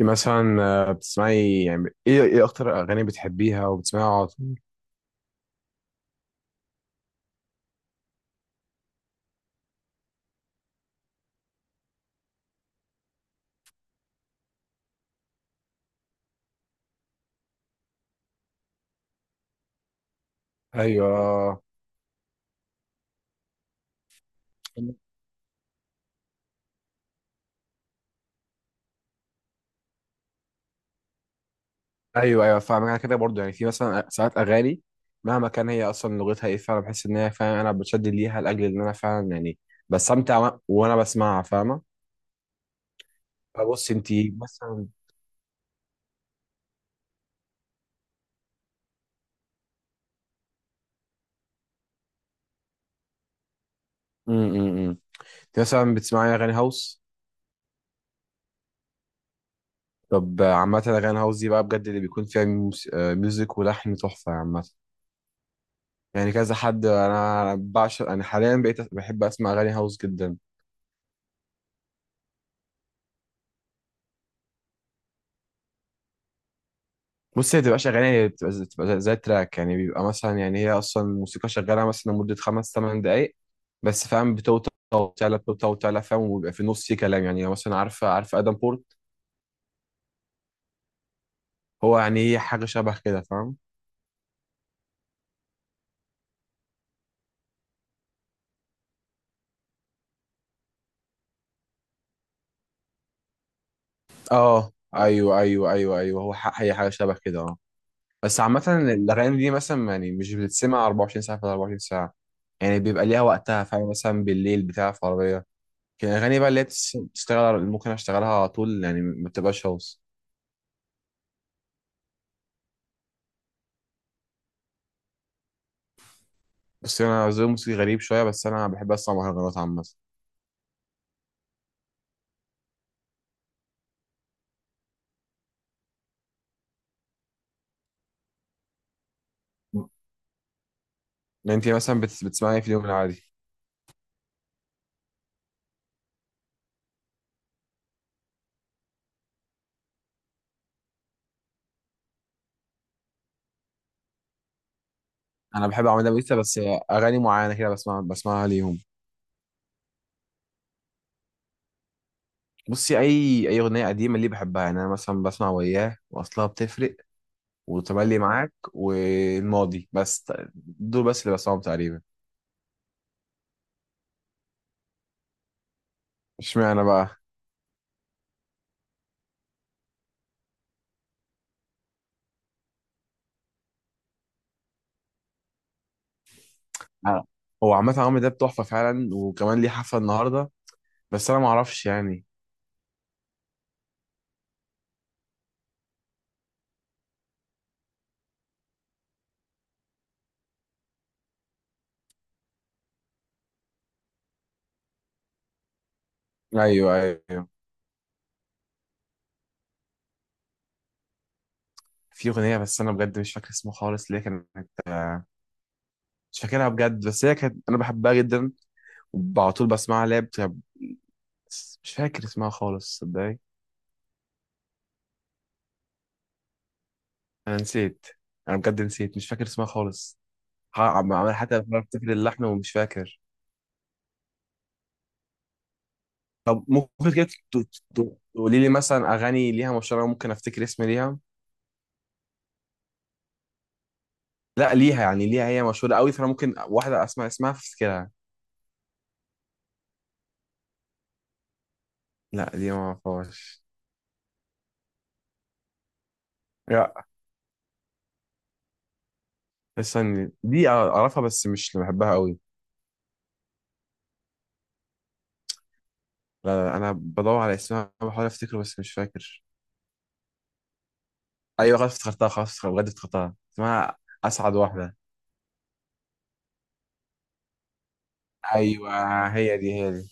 مثلا. بتسمعي يعني ايه اكتر اغاني بتحبيها وبتسمعيها على طول؟ ايوه، ايوه، ايوه، فاهم. انا كده برضو، يعني في مثلا ساعات اغاني مهما كان هي اصلا لغتها ايه، فعلا بحس ان هي فعلا انا بتشد ليها، لاجل ان انا فعلا يعني بستمتع وانا بسمعها، فاهمه؟ فبص، مثلا امم انت مثلا بتسمعي اغاني هاوس؟ طب، عامه اغاني هاوس دي بقى بجد اللي بيكون فيها ميوزك ولحن تحفه، عامه يعني. كذا حد انا بعشق، انا حاليا بقيت بحب اسمع اغاني هاوس جدا. بص، هي بتبقاش أغاني، هي بتبقى زي تراك يعني. بيبقى مثلا يعني هي أصلا الموسيقى شغالة مثلا لمدة 5-8 دقايق، بس فاهم، بتوطى وتعلى، بتوطى وتعلى، فاهم، وبيبقى في النص في كلام. يعني مثلا عارفة آدم بورت، هو يعني هي حاجة شبه كده، فاهم؟ اه، أيوه، أيوه، أيوه، أيوه. هو هي حاجة شبه كده، اه. بس عامة الأغاني دي مثلا يعني مش بتتسمع 24 ساعة في 24 ساعة، يعني بيبقى ليها وقتها، فاهم؟ مثلا بالليل بتاع في عربية، كان الأغاني بقى اللي هي بتشتغل ممكن أشتغلها على طول، يعني ما بتبقاش هوس. بس انا ذوقي الموسيقي غريب شويه، بس انا بحب اسمع مهرجانات، عامه. انت مثلا بتسمعي إيه في اليوم العادي؟ انا بحب اعمل لها بس اغاني معينه كده، بسمعها ليهم. بصي، اي اغنيه قديمه اللي بحبها، يعني انا مثلا بسمع وياه، واصلها بتفرق، وتملي معاك، والماضي، بس دول بس اللي بسمعهم تقريبا. اشمعنى بقى؟ أنا- هو عامه عمرو ده تحفه فعلا، وكمان ليه حفله النهارده، بس انا ما اعرفش يعني. ايوه، ايوه. في اغنيه بس انا بجد مش فاكر اسمها خالص، ليه كانت، مش فاكرها بجد، بس هي كانت انا بحبها جدا وعلى طول بسمعها، اللي مش فاكر اسمها خالص صدقني. انا نسيت، انا بجد نسيت، مش فاكر اسمها خالص. عمال حتى بحاول افتكر اللحن ومش فاكر. طب ممكن كده تقولي لي مثلا اغاني ليها مشهوره ممكن افتكر اسم ليها؟ لا، ليها هي مشهوره قوي، فانا ممكن واحده اسمع اسمها فافتكرها. لا دي ما اعرفهاش. لا استني، دي اعرفها بس مش اللي بحبها قوي. لا، لا، انا بدور على اسمها بحاول افتكره بس مش فاكر. ايوه خلاص افتكرتها، خلاص بجد افتكرتها، اسمها اسعد واحده. ايوه، هي دي، هي دي.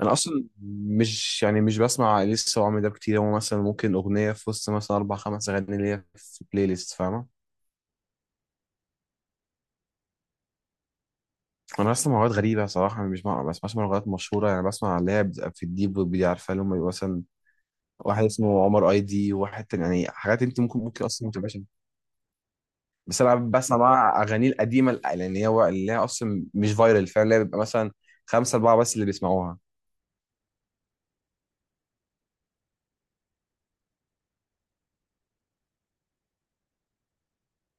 انا اصلا مش بسمع لسه، وعمري ده كتير، هو مثلا ممكن اغنيه في وسط مثلا اربع خمس اغاني ليا في بلاي ليست، فاهمه؟ انا بسمع لغات غريبه صراحه، أنا مش بسمع- ما بسمعش لغات مشهوره يعني، بسمع اللي هي بتبقى في الديب ويب دي، عارفه؟ اللي هم بيبقوا مثلا واحد اسمه عمر اي دي، وواحد تاني، يعني حاجات انت ممكن اصلا ما تبقاش. بس انا بسمع بقى اغاني القديمه، لان هي اللي هي اصلا مش فايرال فعلا، اللي هي بيبقى مثلا خمسه اربعه بس اللي بيسمعوها.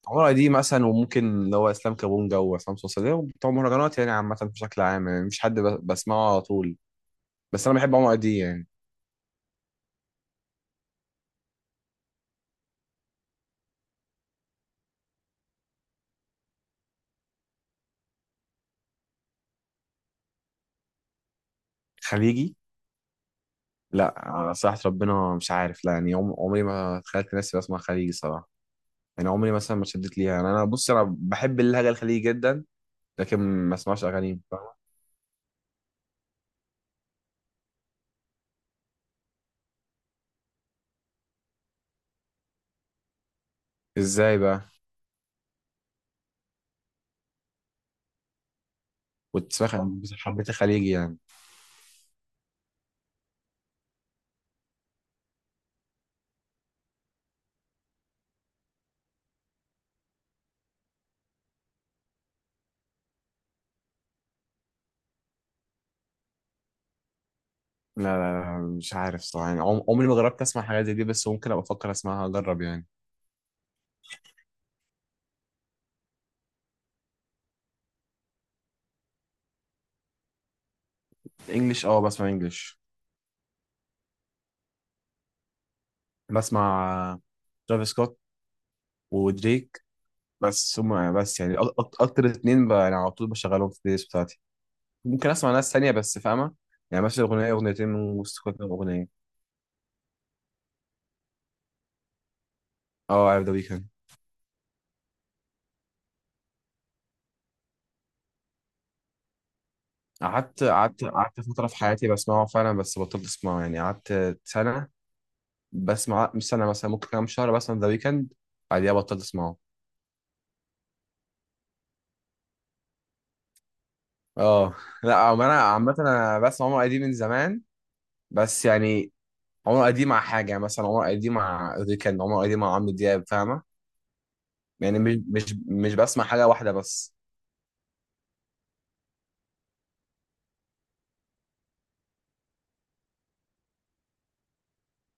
عمارة دي مثلا، وممكن اللي هو اسلام كابونجا وعصام صوصة، ده بتوع مهرجانات يعني، عامة بشكل عام يعني مفيش حد بسمعه على طول، بس انا بحب عمرو دي يعني. خليجي؟ لا على صراحة ربنا مش عارف، لا يعني عمري ما تخيلت نفسي بسمع خليجي صراحة، يعني عمري مثلا ما اتشدت ليها، يعني انا بص انا بحب اللهجة الخليجي جدا لكن ما اسمعش اغانيهم، فاهمة؟ ازاي بقى؟ كنت سمعت- حبيت الخليجي يعني. لا، لا، لا، مش عارف صراحة يعني عمري ما جربت اسمع حاجات زي دي، بس ممكن ابقى افكر اسمعها اجرب يعني. انجلش؟ اه بسمع انجلش. بسمع ترافيس سكوت ودريك، بس هم بس يعني اكتر اتنين يعني على طول بشغلهم في البلاي ليست بتاعتي، ممكن اسمع ناس تانية بس، فاهمة؟ يعني مثلا اغنية اغنيتين من وسط كل كام اغنية. اه عارف ذا ويكند. قعدت فترة في حياتي بسمعه فعلا، بس بطلت اسمعه، يعني قعدت سنة بسمع، مش سنة، مثلا ممكن كام شهر بسمع ذا ويكند، بعديها بطلت اسمعه. اه، لا انا عامة انا بسمع عمر قديم من زمان بس يعني، عمر ادي مع حاجه يعني، مثلا عمر ادي مع ريكان، عمر ادي مع عمرو دياب، فاهمه؟ يعني مش بسمع حاجه واحده بس.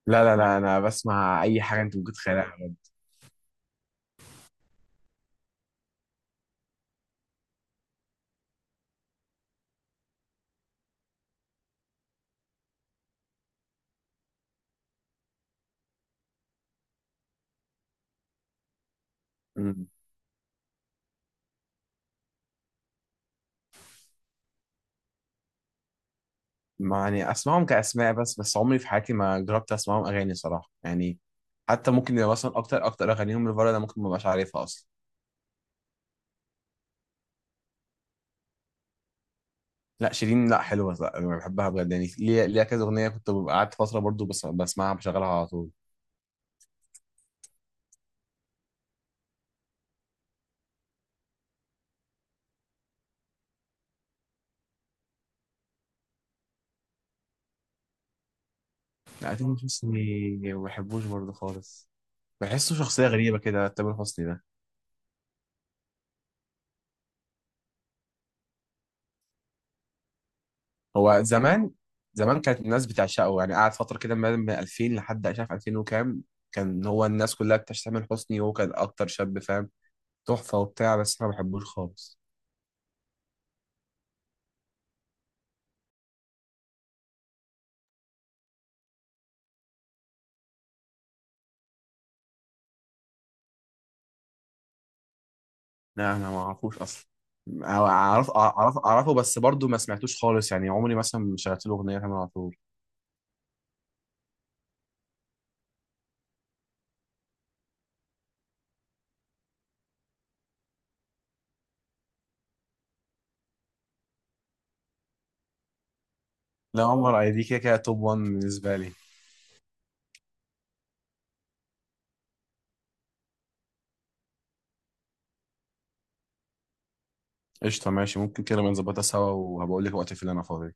لا، لا، لا، انا بسمع اي حاجه انت ممكن تتخيلها. أمم. ما يعني اسمعهم كاسماء بس عمري في حياتي ما جربت اسمعهم اغاني صراحه يعني، حتى ممكن يبقى مثلا اكتر اغانيهم لفاره انا ممكن ما ابقاش عارفها اصلا. لا، شيرين لا، حلوه، لا أنا بحبها بجد يعني، ليها كذا اغنيه، كنت ببقى قعدت فتره برضو بس بسمعها، بشغلها على طول. لا تامر حسني ما بحبوش برضو خالص، بحسه شخصيه غريبه كده تامر حسني ده. هو زمان، زمان كانت الناس بتعشقه يعني، قعد فترة كده من 2000 لحد مش عارف 2000 وكام، كان هو الناس كلها بتشتمل حسني، وهو كان أكتر شاب، فاهم، تحفة وبتاع، بس أنا ما بحبوش خالص. لا أنا ما أعرفوش أصلا، أعرفه بس برضه ما سمعتوش خالص، يعني عمري مثلا ما شغلت له أغنية تامر عاشور. لا، عمر أي دي كده كده توب 1 بالنسبة لي. قشطة، ماشي، ممكن كده بنظبطها سوا وهبقول لك وقت في اللي أنا فاضي.